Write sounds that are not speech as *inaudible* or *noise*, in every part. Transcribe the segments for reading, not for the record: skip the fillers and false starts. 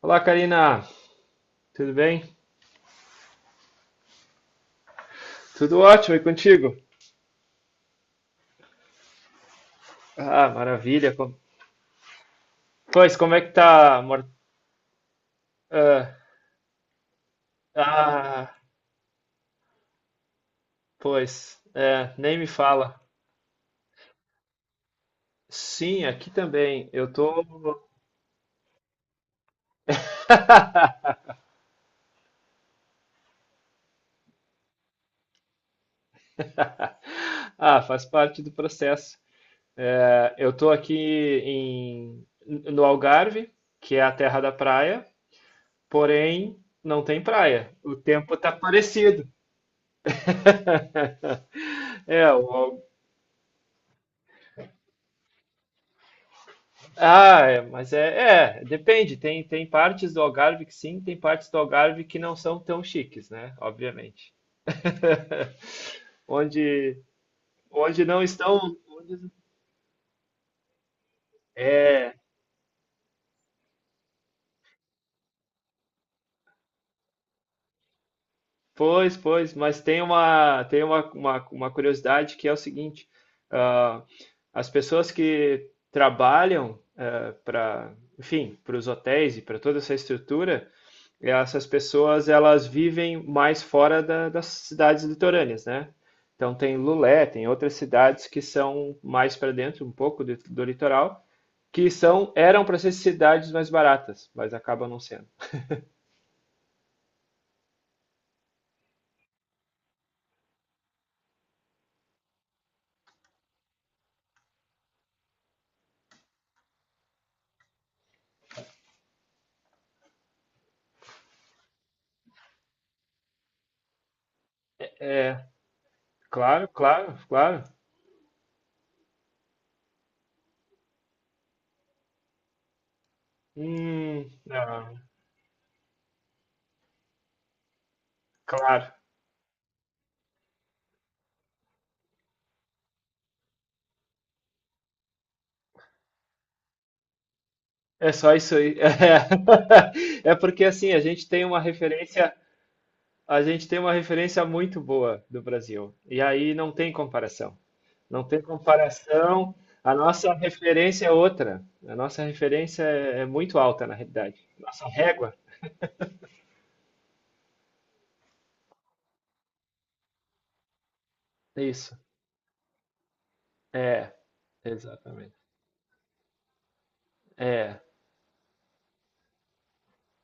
Olá, Karina. Tudo bem? Tudo ótimo, e contigo? Ah, maravilha. Pois, como é que tá, amor? Ah, ah, pois, é, nem me fala. Sim, aqui também. Eu tô. Ah, faz parte do processo. É, eu tô aqui no Algarve, que é a terra da praia, porém não tem praia. O tempo tá parecido. *laughs* É, o. Ah, é, mas é, depende. Tem partes do Algarve que sim, tem partes do Algarve que não são tão chiques, né? Obviamente. *laughs* Onde, onde não estão. Pois, mas tem uma curiosidade que é o seguinte: ah, as pessoas que trabalham para, enfim, para os hotéis e para toda essa estrutura. E essas pessoas, elas vivem mais fora das cidades litorâneas, né? Então tem Lulé, tem outras cidades que são mais para dentro, um pouco do litoral, que são eram para ser cidades mais baratas, mas acabam não sendo. É, claro, claro, claro. Não, claro. É só isso aí. *laughs* É, porque assim, a gente tem uma referência muito boa do Brasil. E aí não tem comparação. Não tem comparação. A nossa referência é outra. A nossa referência é muito alta, na realidade. Nossa régua. É isso. É, exatamente. É.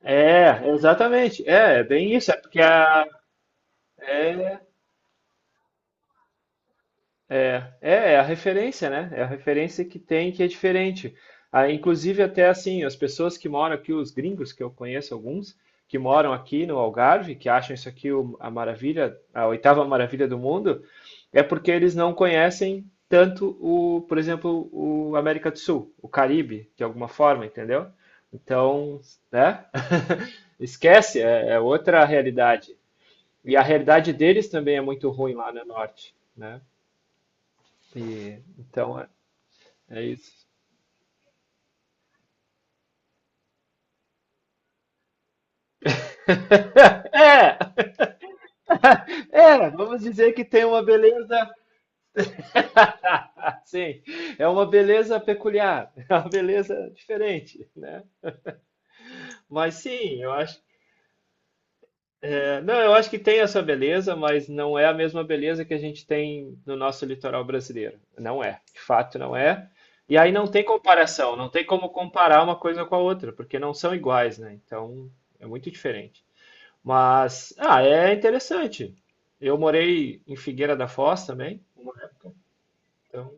É, exatamente. É bem isso. É porque a, é É, é, é a referência, né? É a referência que tem que é diferente. Ah, inclusive, até assim, as pessoas que moram aqui, os gringos, que eu conheço alguns, que moram aqui no Algarve, que acham isso aqui a maravilha, a oitava maravilha do mundo, é porque eles não conhecem tanto o, por exemplo, o América do Sul, o Caribe, de alguma forma, entendeu? Então, né? *laughs* Esquece, é outra realidade. E a realidade deles também é muito ruim lá no norte, né? E, então é isso. *laughs* É, vamos dizer que tem uma beleza. *laughs* Sim, é uma beleza peculiar, *laughs* é uma beleza diferente, né? Mas sim, eu acho, é, não, eu acho que tem essa beleza, mas não é a mesma beleza que a gente tem no nosso litoral brasileiro. Não é, de fato não é. E aí não tem comparação, não tem como comparar uma coisa com a outra, porque não são iguais, né? Então é muito diferente. Mas, ah, é interessante. Eu morei em Figueira da Foz também, então,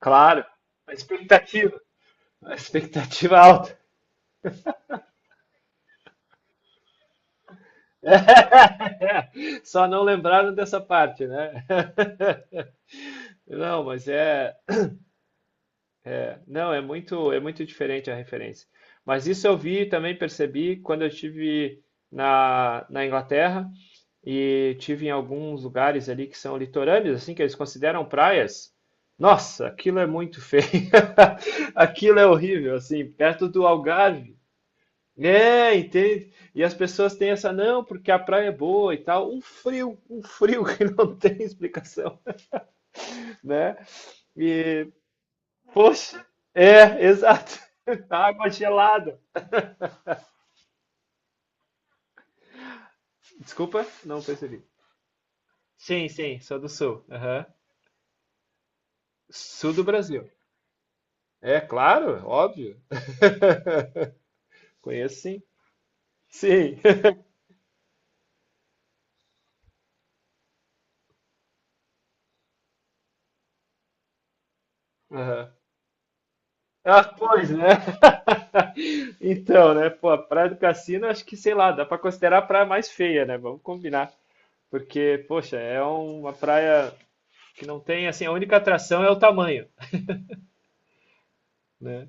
claro, a expectativa, a expectativa alta. *laughs* Só não lembraram dessa parte, né? *laughs* Não, mas é, não, é muito diferente a referência. Mas isso eu vi e também percebi quando eu estive na Inglaterra. E tive em alguns lugares ali que são litorâneos, assim, que eles consideram praias. Nossa, aquilo é muito feio. *laughs* Aquilo é horrível, assim, perto do Algarve. É, entende? E as pessoas têm essa, não, porque a praia é boa e tal. Um frio *laughs* que não tem explicação, né? E, poxa, é, exato. *laughs* Água gelada. Desculpa, não percebi. Sim, sim, sou do sul. Aham. Sul do Brasil. É, claro, óbvio. Conheço sim. Sim. *laughs* Aham. Ah, pois, né? *laughs* Então, né? Pô, a Praia do Cassino, acho que, sei lá, dá pra considerar a praia mais feia, né? Vamos combinar. Porque, poxa, é uma praia que não tem, assim, a única atração é o tamanho, né?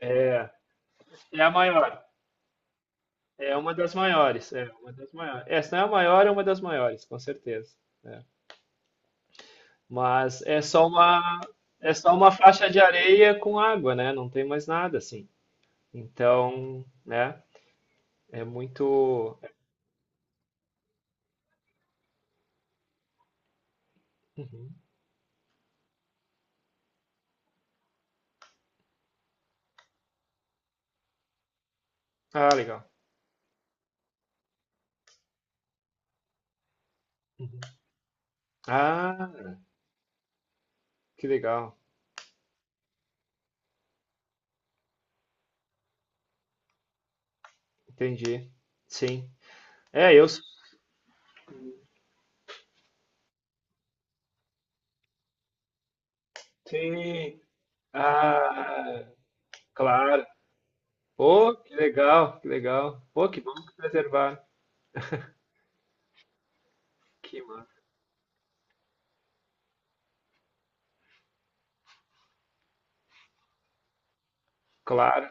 É, é, a maior. É uma das maiores. É uma das maiores. Essa não é a maior, é uma das maiores, com certeza. Né? Mas é só uma faixa de areia com água, né? Não tem mais nada, assim. Então, né? É muito. É, uhum. Ah, legal. Uhum. Ah, que legal. Entendi. Sim. É, eu sim. Ah, claro. Pô, que legal, que legal. Pô, que bom que preservar. Que massa. Claro,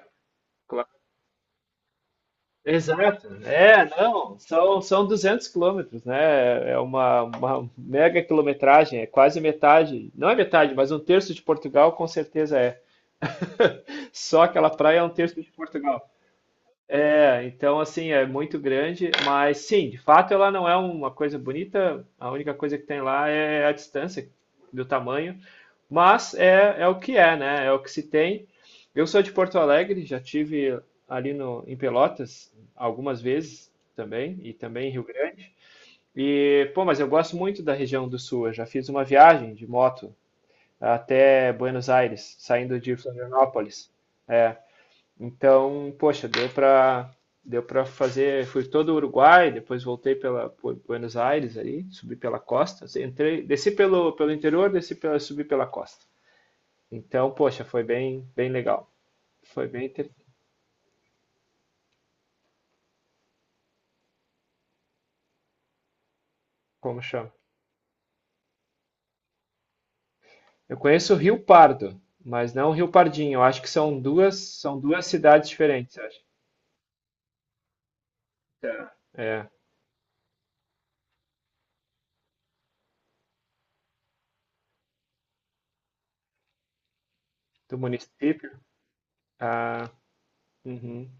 claro. Exato. É, não, são 200 quilômetros, né? É uma mega quilometragem, é quase metade. Não é metade, mas um terço de Portugal com certeza é. *laughs* Só aquela praia é um terço de Portugal. É, então assim, é muito grande, mas sim, de fato ela não é uma coisa bonita, a única coisa que tem lá é a distância do tamanho, mas é o que é, né? É o que se tem. Eu sou de Porto Alegre, já tive ali no, em Pelotas algumas vezes também, e também em Rio Grande. E, pô, mas eu gosto muito da região do sul. Eu já fiz uma viagem de moto até Buenos Aires, saindo de Florianópolis. É, então, poxa, deu para fazer, fui todo o Uruguai, depois voltei pela por Buenos Aires ali, subi pela costa, entrei, desci pelo interior, subi pela costa. Então, poxa, foi bem legal. Foi bem, como chama? Eu conheço o Rio Pardo, mas não o Rio Pardinho. Eu acho que são duas cidades diferentes, eu acho. Tá. É, do município. Ah, uhum.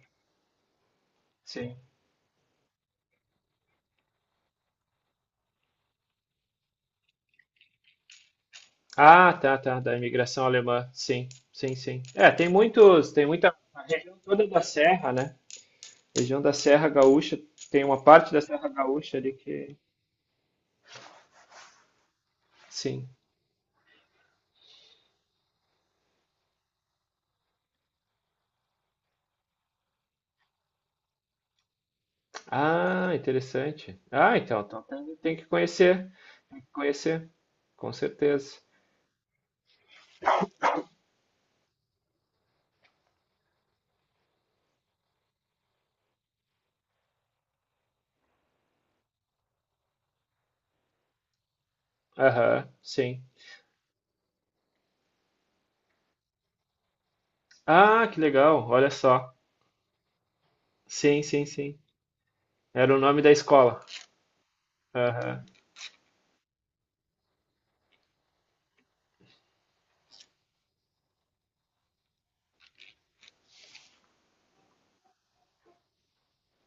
Ah, tá, tá, da imigração alemã. Sim, sim, sim. É, tem muita a região toda da Serra, né? Região da Serra Gaúcha, tem uma parte da Serra Gaúcha ali que, sim. Ah, interessante. Ah, então tem, que conhecer, tem que conhecer, com certeza. Aham, sim. Ah, que legal, olha só. Sim, sim, sim. Era o nome da escola. Aham.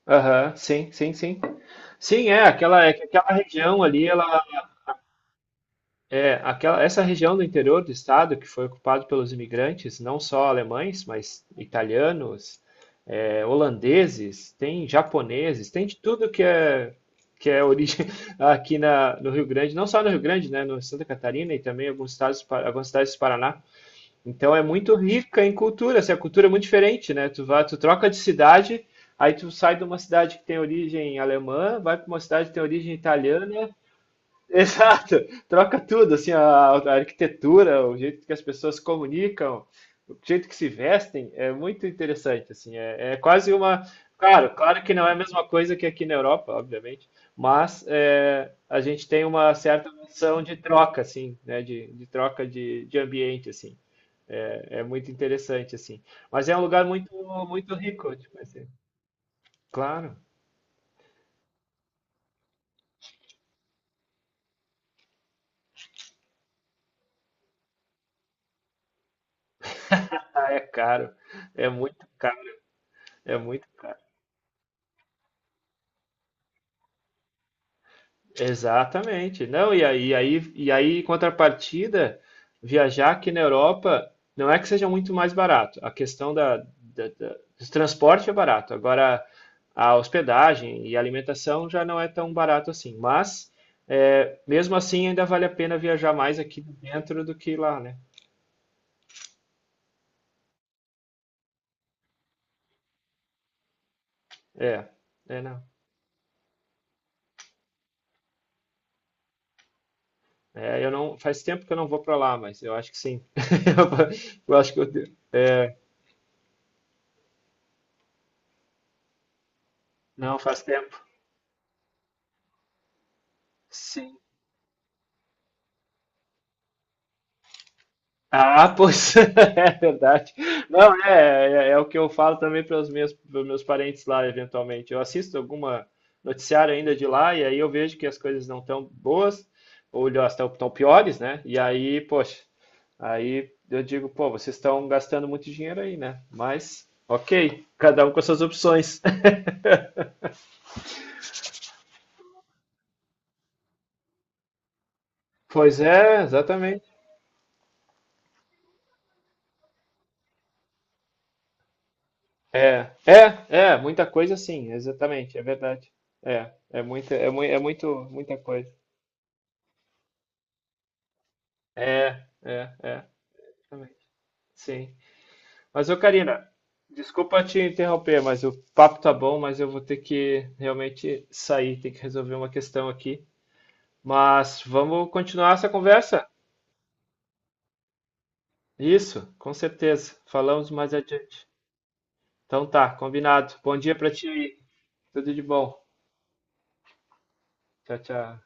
Aham, sim, sim, sim. Sim, é, é que aquela região ali, ela. É, essa região do interior do estado que foi ocupada pelos imigrantes, não só alemães, mas italianos, holandeses, tem japoneses, tem de tudo que é origem *laughs* aqui no Rio Grande, não só no Rio Grande, né, no Santa Catarina e também alguns estados, algumas cidades do Paraná. Então é muito rica em cultura, assim, a cultura é muito diferente, né? Tu vai, tu troca de cidade, aí tu sai de uma cidade que tem origem alemã, vai para uma cidade que tem origem italiana. *laughs* Exato, troca tudo, assim, a arquitetura, o jeito que as pessoas se comunicam, o jeito que se vestem, é muito interessante, assim, é quase uma, claro, claro que não é a mesma coisa que aqui na Europa, obviamente, mas é, a gente tem uma certa noção de troca, assim, né, de troca de ambiente, assim, é muito interessante, assim, mas é um lugar muito, muito rico, tipo assim, claro, ah, é caro, é muito Exatamente. Não, e aí, em contrapartida, viajar aqui na Europa não é que seja muito mais barato. A questão do transporte é barato. Agora, a hospedagem e a alimentação já não é tão barato assim. Mas, é, mesmo assim, ainda vale a pena viajar mais aqui dentro do que lá, né? É, é, não. É, eu não, faz tempo que eu não vou para lá, mas eu acho que sim. *laughs* Eu acho que eu, é, não, faz tempo. Sim. Ah, pois *laughs* é verdade. Não, é o que eu falo também pros meus parentes lá, eventualmente. Eu assisto alguma noticiário ainda de lá e aí eu vejo que as coisas não estão boas, ou estão piores, né? E aí, poxa, aí eu digo, pô, vocês estão gastando muito dinheiro aí, né? Mas, ok, cada um com as suas opções. *laughs* Pois é, exatamente. É, muita coisa sim, exatamente, é verdade. É, muito, muita coisa. É, também. Sim. Mas ô Karina, desculpa te interromper, mas o papo tá bom, mas eu vou ter que realmente sair, tem que resolver uma questão aqui. Mas vamos continuar essa conversa? Isso, com certeza. Falamos mais adiante. Então tá, combinado. Bom dia pra ti aí. Tudo de bom. Tchau, tchau.